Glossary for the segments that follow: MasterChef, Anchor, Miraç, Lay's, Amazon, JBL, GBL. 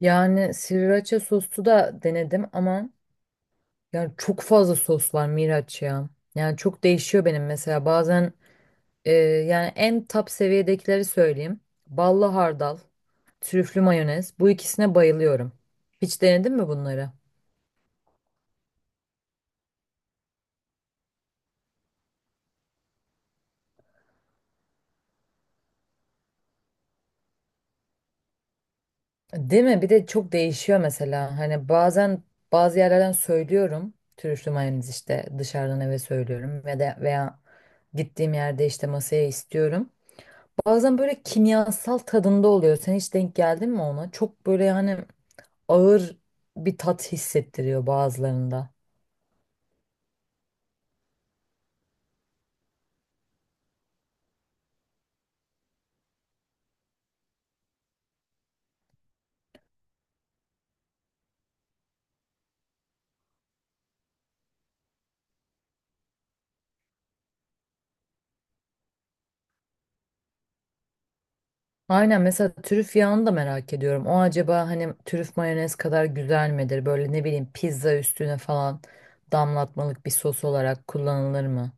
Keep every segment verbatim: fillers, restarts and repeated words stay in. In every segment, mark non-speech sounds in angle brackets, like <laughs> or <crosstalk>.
Yani sriracha soslu da denedim ama yani çok fazla sos var Miraç ya. Yani çok değişiyor benim mesela bazen e, yani en top seviyedekileri söyleyeyim. Ballı hardal, trüflü mayonez bu ikisine bayılıyorum. Hiç denedin mi bunları? Değil mi? Bir de çok değişiyor mesela. Hani bazen bazı yerlerden söylüyorum. Trüflü mayonez işte dışarıdan eve söylüyorum ve de veya gittiğim yerde işte masaya istiyorum. Bazen böyle kimyasal tadında oluyor. Sen hiç denk geldin mi ona? Çok böyle yani ağır bir tat hissettiriyor bazılarında. Aynen, mesela trüf yağını da merak ediyorum. O acaba hani trüf mayonez kadar güzel midir? Böyle ne bileyim pizza üstüne falan damlatmalık bir sos olarak kullanılır mı?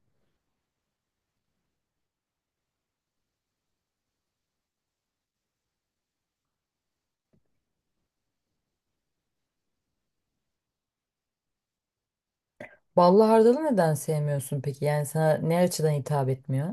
Ballı hardalı neden sevmiyorsun peki? Yani sana ne açıdan hitap etmiyor?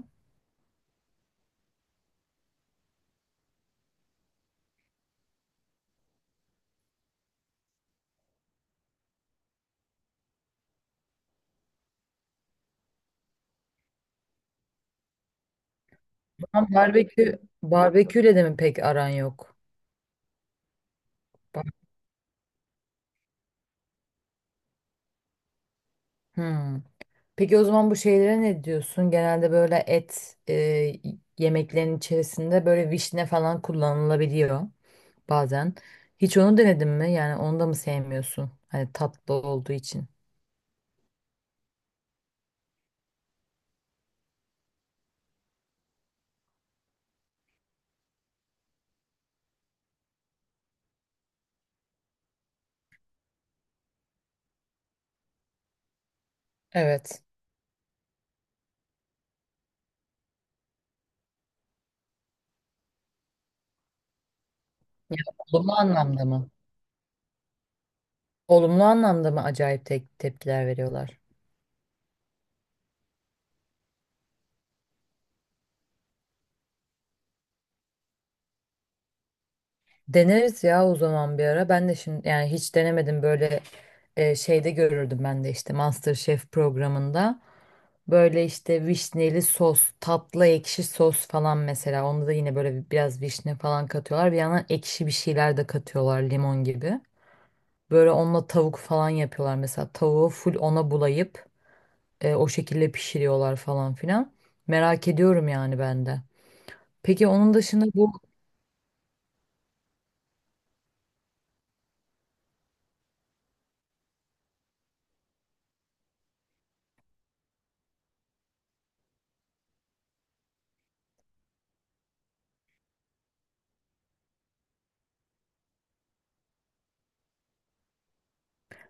Ama barbekü, barbeküyle de mi pek aran yok? Bak- Hmm. Peki o zaman bu şeylere ne diyorsun? Genelde böyle et e, yemeklerin içerisinde böyle vişne falan kullanılabiliyor bazen. Hiç onu denedin mi? Yani onu da mı sevmiyorsun? Hani tatlı olduğu için. Evet. Ya, olumlu anlamda mı? Olumlu anlamda mı acayip te- tepkiler veriyorlar? Deneriz ya o zaman bir ara. Ben de şimdi yani hiç denemedim böyle e, şeyde görürdüm ben de işte MasterChef programında. Böyle işte vişneli sos, tatlı ekşi sos falan mesela. Onda da yine böyle bir- biraz vişne falan katıyorlar. Bir yandan ekşi bir şeyler de katıyorlar limon gibi. Böyle onunla tavuk falan yapıyorlar mesela. Tavuğu full ona bulayıp e, o şekilde pişiriyorlar falan filan. Merak ediyorum yani ben de. Peki onun dışında bu,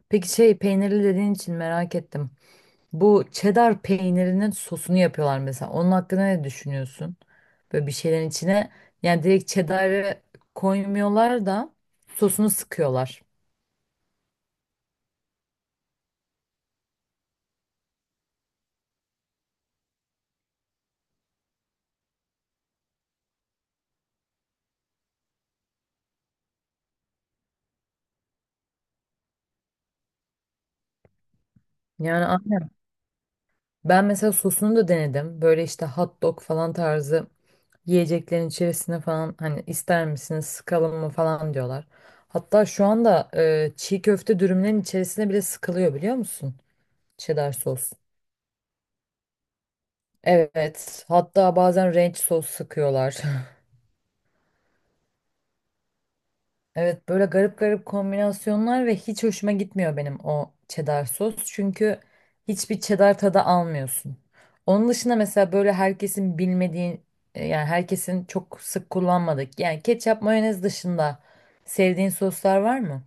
peki şey peynirli dediğin için merak ettim. Bu cheddar peynirinin sosunu yapıyorlar mesela. Onun hakkında ne düşünüyorsun? Böyle bir şeylerin içine yani direkt cheddar'ı koymuyorlar da sosunu sıkıyorlar. Yani aynen. Ben mesela sosunu da denedim. Böyle işte hot dog falan tarzı yiyeceklerin içerisine falan hani ister misiniz sıkalım mı falan diyorlar. Hatta şu anda e, çiğ köfte dürümlerin içerisine bile sıkılıyor biliyor musun? Cheddar sos. Evet. Hatta bazen ranch sos sıkıyorlar. Evet, böyle garip garip kombinasyonlar ve hiç hoşuma gitmiyor benim o cheddar sos. Çünkü hiçbir cheddar tadı almıyorsun. Onun dışında mesela böyle herkesin bilmediği e, yani herkesin çok sık kullanmadık. Yani ketçap mayonez dışında sevdiğin soslar var mı?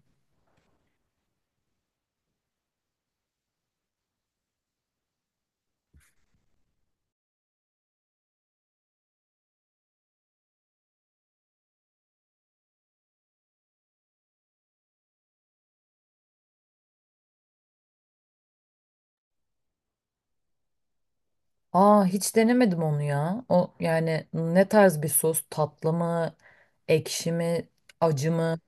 Aa hiç denemedim onu ya. O yani ne tarz bir sos? Tatlı mı? Ekşi mi? Acı mı?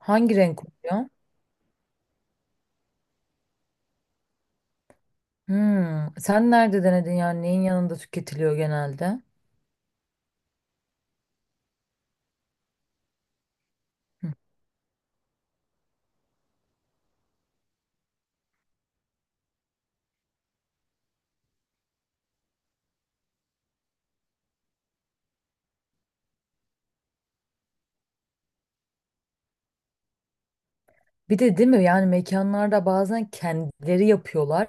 Hangi renk oluyor? Hmm. Sen nerede denedin, yani neyin yanında tüketiliyor genelde? Bir de değil mi yani mekanlarda bazen kendileri yapıyorlar.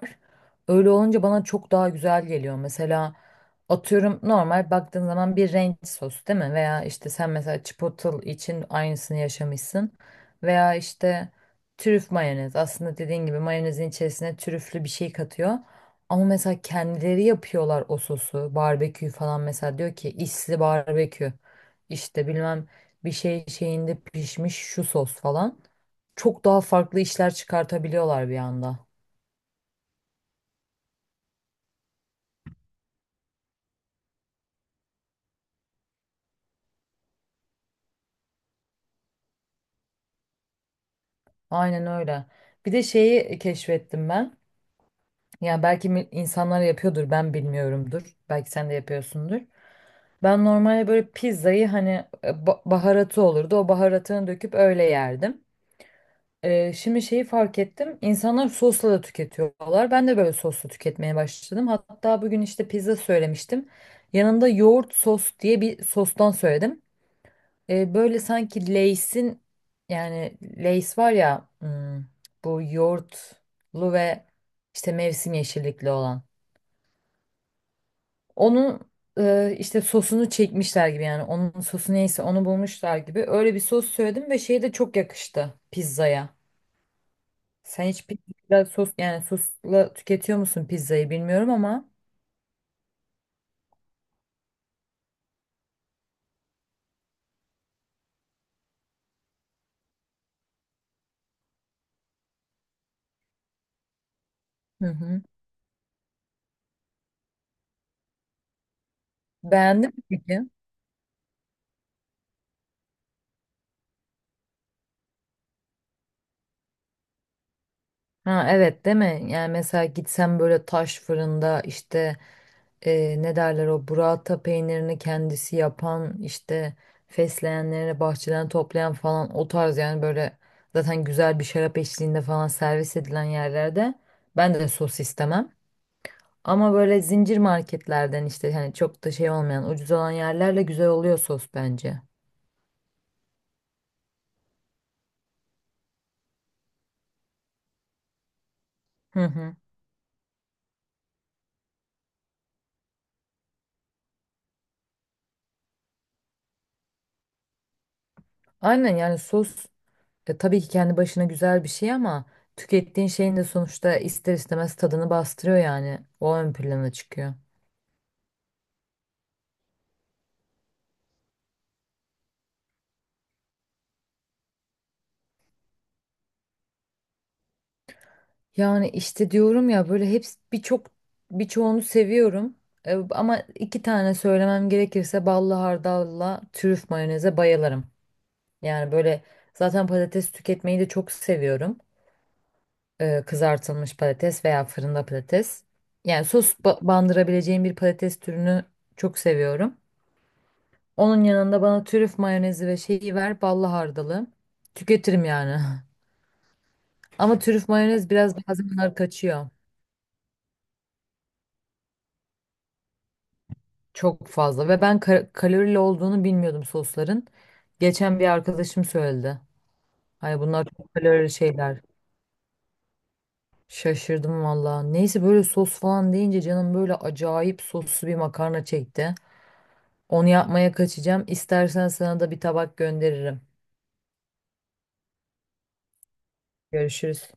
Öyle olunca bana çok daha güzel geliyor. Mesela atıyorum normal baktığın zaman bir ranch sos, değil mi? Veya işte sen mesela chipotle için aynısını yaşamışsın. Veya işte trüf mayonez. Aslında dediğin gibi mayonezin içerisine trüflü bir şey katıyor. Ama mesela kendileri yapıyorlar o sosu. Barbekü falan mesela diyor ki isli barbekü. İşte bilmem bir şey şeyinde pişmiş şu sos falan, çok daha farklı işler çıkartabiliyorlar bir anda. Aynen öyle. Bir de şeyi keşfettim ben. Yani belki mi- insanlar yapıyordur, ben bilmiyorumdur. Belki sen de yapıyorsundur. Ben normalde böyle pizzayı hani e, ba- baharatı olurdu. O baharatını döküp öyle yerdim. E, şimdi şeyi fark ettim. İnsanlar sosla da tüketiyorlar. Ben de böyle sosla tüketmeye başladım. Hatta bugün işte pizza söylemiştim. Yanında yoğurt sos diye bir sostan söyledim. E, böyle sanki Lay's'in, yani Lay's var ya, hmm, bu yoğurtlu ve işte mevsim yeşillikli olan. Onun e, işte sosunu çekmişler gibi, yani onun sosu neyse onu bulmuşlar gibi. Öyle bir sos söyledim ve şey de çok yakıştı pizzaya. Sen hiç pizza sos, yani sosla tüketiyor musun pizzayı, bilmiyorum ama. Hı hı. Beğendin mi peki? Ha evet, değil mi? Yani mesela gitsem böyle taş fırında işte e, ne derler, o burrata peynirini kendisi yapan, işte fesleğenlerini bahçeden toplayan falan o tarz, yani böyle zaten güzel bir şarap eşliğinde falan servis edilen yerlerde ben de sos istemem. Ama böyle zincir marketlerden işte hani çok da şey olmayan, ucuz olan yerlerle güzel oluyor sos bence. Hı hı. Aynen, yani sos e, tabii ki kendi başına güzel bir şey ama tükettiğin şeyin de sonuçta ister istemez tadını bastırıyor yani. O ön plana çıkıyor. Yani işte diyorum ya, böyle hepsi, birçok birçoğunu seviyorum. E, ama iki tane söylemem gerekirse ballı hardalla trüf mayoneze bayılırım. Yani böyle zaten patates tüketmeyi de çok seviyorum. E, kızartılmış patates veya fırında patates. Yani sos ba- bandırabileceğim bir patates türünü çok seviyorum. Onun yanında bana trüf mayonezi ve şeyi ver, ballı hardalı. Tüketirim yani. <laughs> Ama trüf mayonez biraz bazen kaçıyor. Çok fazla, ve ben ka- kalorili olduğunu bilmiyordum sosların. Geçen bir arkadaşım söyledi. Ay bunlar çok kalorili şeyler. Şaşırdım valla. Neyse, böyle sos falan deyince canım böyle acayip soslu bir makarna çekti. Onu yapmaya kaçacağım. İstersen sana da bir tabak gönderirim. Görüşürüz.